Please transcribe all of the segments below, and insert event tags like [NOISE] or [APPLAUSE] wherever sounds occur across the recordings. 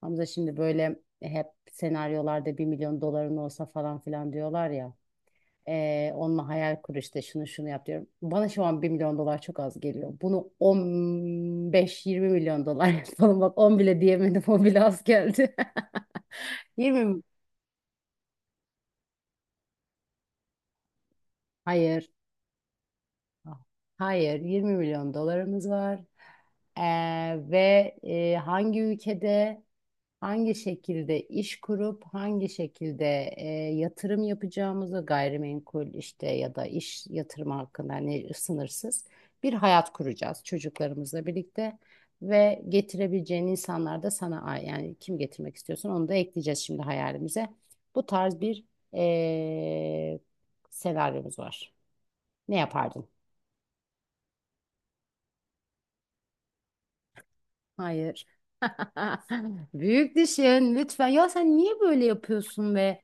Hamza şimdi böyle, hep senaryolarda bir milyon doların olsa falan filan diyorlar ya. Onunla hayal kur, işte şunu şunu yap diyorum. Bana şu an bir milyon dolar çok az geliyor. Bunu on beş, yirmi milyon dolar [LAUGHS] yapalım. Bak 10 bile diyemedim. O bile az geldi. [LAUGHS] Yirmi mi? Hayır. Ah, hayır. 20 milyon dolarımız var. Ee, ve hangi ülkede? Hangi şekilde iş kurup hangi şekilde, yatırım yapacağımızı, gayrimenkul işte ya da iş yatırımı hakkında, hani sınırsız bir hayat kuracağız çocuklarımızla birlikte ve getirebileceğin insanlar da sana yani kim getirmek istiyorsan onu da ekleyeceğiz şimdi hayalimize. Bu tarz bir e, senaryomuz var. Ne yapardın? Hayır. [LAUGHS] Büyük düşün lütfen. Ya sen niye böyle yapıyorsun be?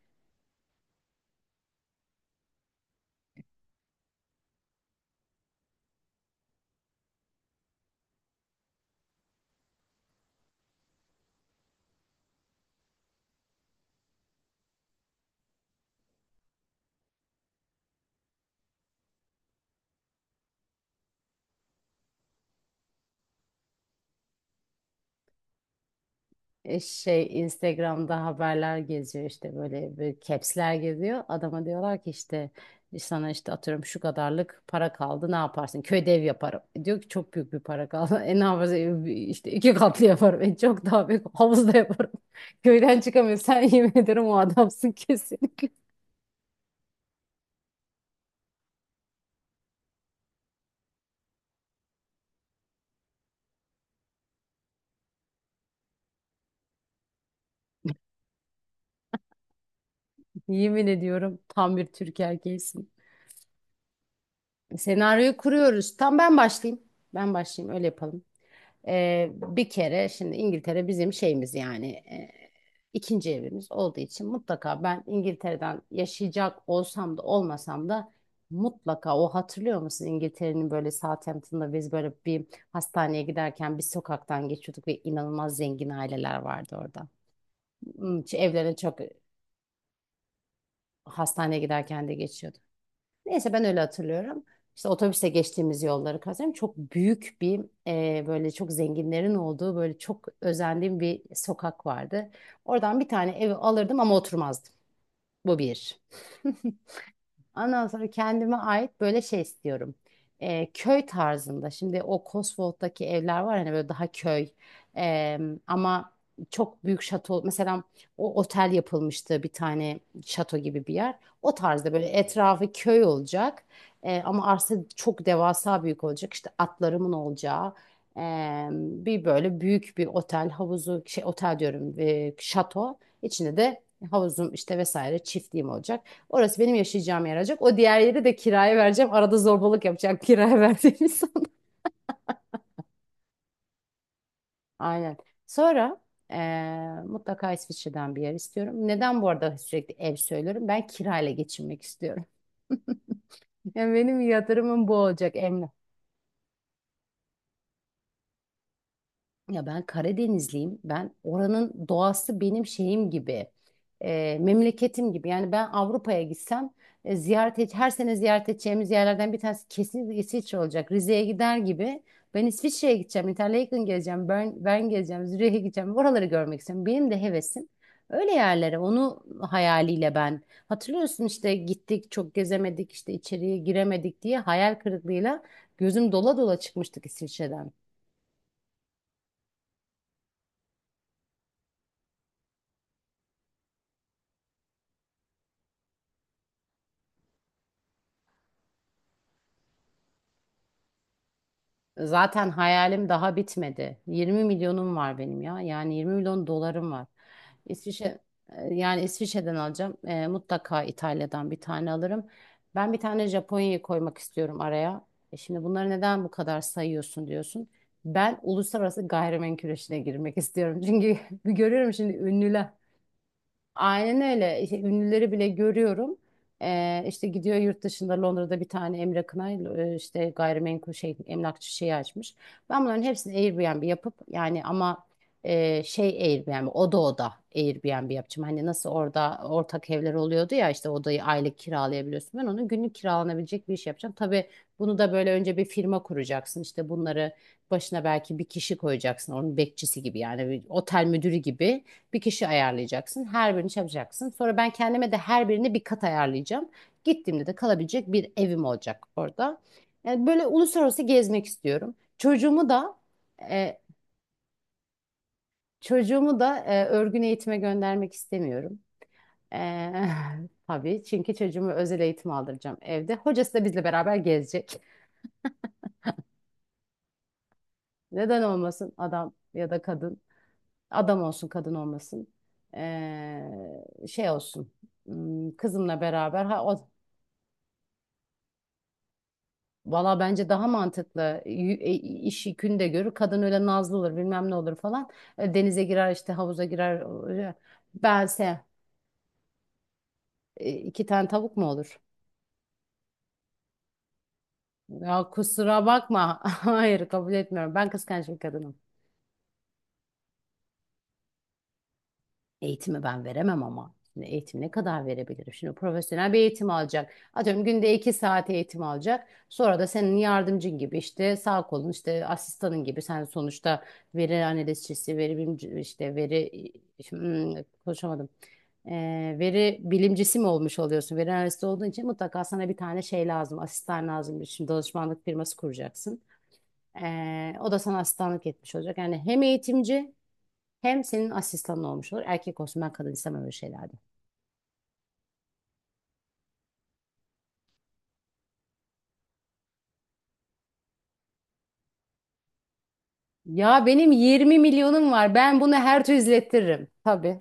Şey, Instagram'da haberler geziyor, işte böyle bir caps'ler geziyor. Adama diyorlar ki, işte sana, işte atıyorum, şu kadarlık para kaldı ne yaparsın? Köyde ev yaparım. E, diyor ki çok büyük bir para kaldı. [LAUGHS] E ne yaparsın? E, işte iki katlı yaparım. E çok daha büyük havuzda yaparım. [LAUGHS] Köyden çıkamıyor. Sen, [LAUGHS] yemin ederim o adamsın kesin. [LAUGHS] Yemin ediyorum, tam bir Türk erkeğisin. Senaryoyu kuruyoruz. Tam ben başlayayım. Ben başlayayım, öyle yapalım. Bir kere şimdi İngiltere bizim şeyimiz, yani ikinci evimiz olduğu için, mutlaka ben İngiltere'den yaşayacak olsam da olmasam da mutlaka, o hatırlıyor musun, İngiltere'nin böyle Southampton'da biz böyle bir hastaneye giderken bir sokaktan geçiyorduk ve inanılmaz zengin aileler vardı orada. Hmm, evlerine çok, hastaneye giderken de geçiyorduk. Neyse, ben öyle hatırlıyorum. İşte otobüse geçtiğimiz yolları kazanıyorum. Çok büyük bir, böyle çok zenginlerin olduğu, böyle çok özendiğim bir sokak vardı. Oradan bir tane evi alırdım ama oturmazdım. Bu bir. [LAUGHS] Ondan sonra kendime ait böyle şey istiyorum. Köy tarzında. Şimdi o Cotswold'daki evler var, hani böyle daha köy. Ee, ama çok büyük şato. Mesela o otel yapılmıştı, bir tane şato gibi bir yer. O tarzda, böyle etrafı köy olacak. Ama arsa çok devasa büyük olacak. İşte atlarımın olacağı. Bir böyle büyük bir otel havuzu, şey otel diyorum, şato içinde de havuzum, işte vesaire, çiftliğim olacak. Orası benim yaşayacağım yer olacak. O diğer yeri de kiraya vereceğim. Arada zorbalık yapacak [LAUGHS] kiraya verdiğim insan. [LAUGHS] Aynen. Sonra mutlaka İsviçre'den bir yer istiyorum. Neden bu arada sürekli ev söylüyorum? Ben kirayla geçinmek istiyorum. [LAUGHS] Yani benim yatırımım bu olacak Emre. Ya ben Karadenizliyim. Ben oranın doğası benim şeyim gibi, memleketim gibi. Yani ben Avrupa'ya gitsem, ziyaret et, her sene ziyaret edeceğimiz yerlerden bir tanesi kesinlikle İsviçre olacak. Rize'ye gider gibi. Ben İsviçre'ye gideceğim, Interlaken gezeceğim, Bern gezeceğim, Zürih'e gideceğim. Oraları görmek istiyorum. Benim de hevesim öyle yerlere. Onu hayaliyle ben. Hatırlıyorsun, işte gittik, çok gezemedik, işte içeriye giremedik diye hayal kırıklığıyla gözüm dola dola çıkmıştık İsviçre'den. Zaten hayalim daha bitmedi. 20 milyonum var benim ya. Yani 20 milyon dolarım var. İsviçre, yani İsviçre'den alacağım. E, mutlaka İtalya'dan bir tane alırım. Ben bir tane Japonya'yı koymak istiyorum araya. E şimdi bunları neden bu kadar sayıyorsun diyorsun. Ben uluslararası gayrimenkul işine girmek istiyorum. [LAUGHS] Çünkü görüyorum şimdi ünlüler. Aynen öyle. İşte ünlüleri bile görüyorum. İşte gidiyor yurt dışında, Londra'da bir tane Emre Kınay, işte gayrimenkul şey, emlakçı şeyi açmış. Ben bunların hepsini Airbnb yapıp, yani ama şey, Airbnb, oda oda Airbnb yapacağım. Hani nasıl orada ortak evler oluyordu ya, işte odayı aylık kiralayabiliyorsun. Ben onu günlük kiralanabilecek bir iş yapacağım. Tabii bunu da böyle önce bir firma kuracaksın. İşte bunları başına belki bir kişi koyacaksın. Onun bekçisi gibi, yani bir otel müdürü gibi. Bir kişi ayarlayacaksın. Her birini çalacaksın. Sonra ben kendime de her birine bir kat ayarlayacağım. Gittiğimde de kalabilecek bir evim olacak orada. Yani böyle uluslararası gezmek istiyorum. E, çocuğumu da örgün eğitime göndermek istemiyorum. E, [LAUGHS] tabii, çünkü çocuğumu özel eğitim aldıracağım evde. Hocası da bizle beraber gezecek. Neden olmasın, adam ya da kadın. Adam olsun, kadın olmasın. E, şey olsun. Hmm, kızımla beraber, ha, o, valla bence daha mantıklı. İş yükünü de görür. Kadın öyle nazlı olur, bilmem ne olur falan. E, denize girer işte, havuza girer. Öyle. Bense, iki tane tavuk mu olur? Ya kusura bakma. [LAUGHS] Hayır, kabul etmiyorum. Ben kıskanç bir kadınım. Eğitimi ben veremem ama. Şimdi eğitim ne kadar verebilirim? Şimdi profesyonel bir eğitim alacak. Atıyorum, günde iki saat eğitim alacak. Sonra da senin yardımcın gibi, işte sağ kolun, işte asistanın gibi. Sen sonuçta veri analizcisi, veri bilimci, işte veri, hmm, konuşamadım. Veri bilimcisi mi olmuş oluyorsun? Veri analisti olduğun için mutlaka sana bir tane şey lazım. Asistan lazım. Şimdi danışmanlık firması kuracaksın. O da sana asistanlık etmiş olacak. Yani hem eğitimci, hem senin asistanın olmuş olur. Erkek olsun, ben kadın istemem öyle şeylerde. Ya benim 20 milyonum var. Ben bunu her türlü izlettiririm. Tabii.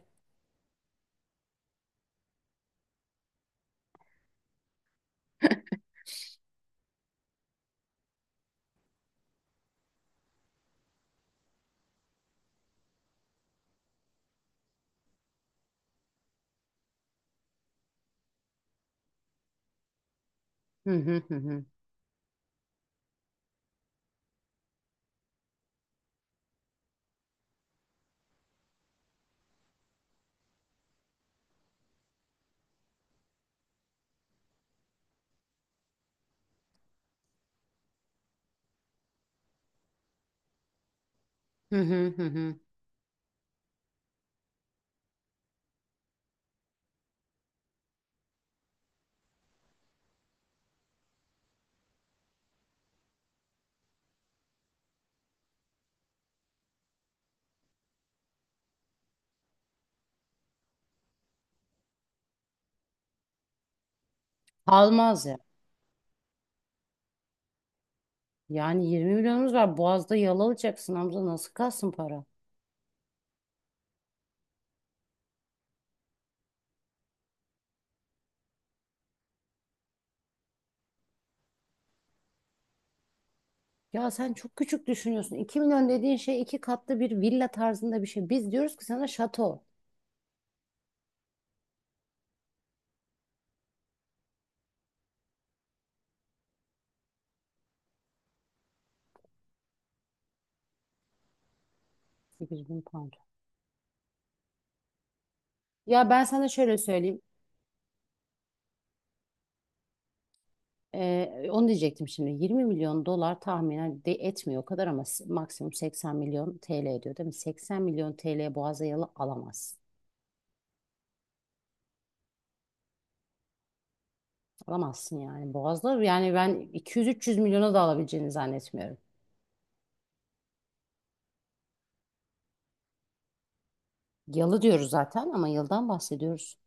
Hı hı hı hı. Hı hı hı hı. Kalmaz ya. Yani 20 milyonumuz var. Boğaz'da yalalayacaksın Hamza. Nasıl kalsın para? Ya sen çok küçük düşünüyorsun. 2 milyon dediğin şey iki katlı bir villa tarzında bir şey. Biz diyoruz ki sana şato. 8 bin pound. Ya ben sana şöyle söyleyeyim. Onu diyecektim şimdi. 20 milyon dolar tahminen de etmiyor o kadar ama maksimum 80 milyon TL ediyor değil mi? 80 milyon TL'ye Boğaz'a yalı alamazsın. Alamazsın yani. Boğaz'da yani ben 200-300 milyona da alabileceğini zannetmiyorum. Yalı diyoruz zaten ama yıldan bahsediyoruz.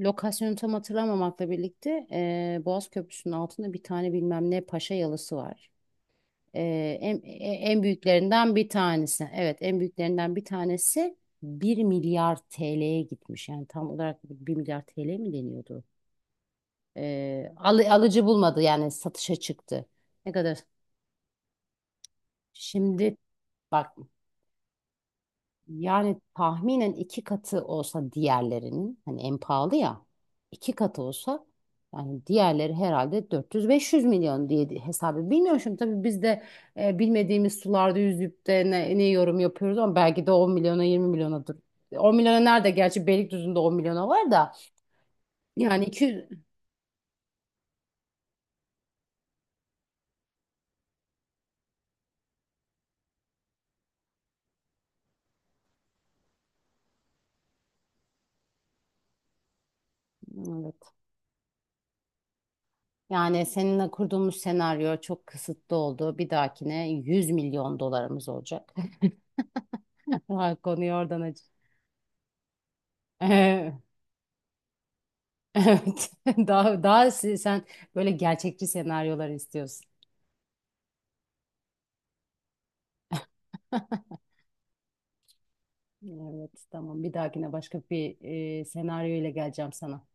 Lokasyonu tam hatırlamamakla birlikte Boğaz Köprüsü'nün altında bir tane bilmem ne paşa yalısı var. Ee, en, en büyüklerinden bir tanesi. Evet, en büyüklerinden bir tanesi bir milyar TL'ye gitmiş. Yani tam olarak bir milyar TL mi deniyordu? Alıcı bulmadı yani, satışa çıktı. Ne kadar? Şimdi bak, yani tahminen iki katı olsa diğerlerinin, hani en pahalı ya, iki katı olsa, yani diğerleri herhalde 400-500 milyon diye, hesabı bilmiyorum şimdi tabii, biz de bilmediğimiz sularda yüzüp de ne yorum yapıyoruz ama belki de 10 milyona 20 milyonadır. 10 milyona nerede, gerçi Beylikdüzü'nde 10 milyona var da, yani 200, evet. Yani seninle kurduğumuz senaryo çok kısıtlı oldu. Bir dahakine 100 milyon dolarımız olacak. [LAUGHS] Ha, konuyu oradan aç. [LAUGHS] Evet. [LAUGHS] Sen böyle gerçekçi senaryolar istiyorsun. [LAUGHS] Evet, tamam. Bir dahakine başka bir senaryo ile geleceğim sana.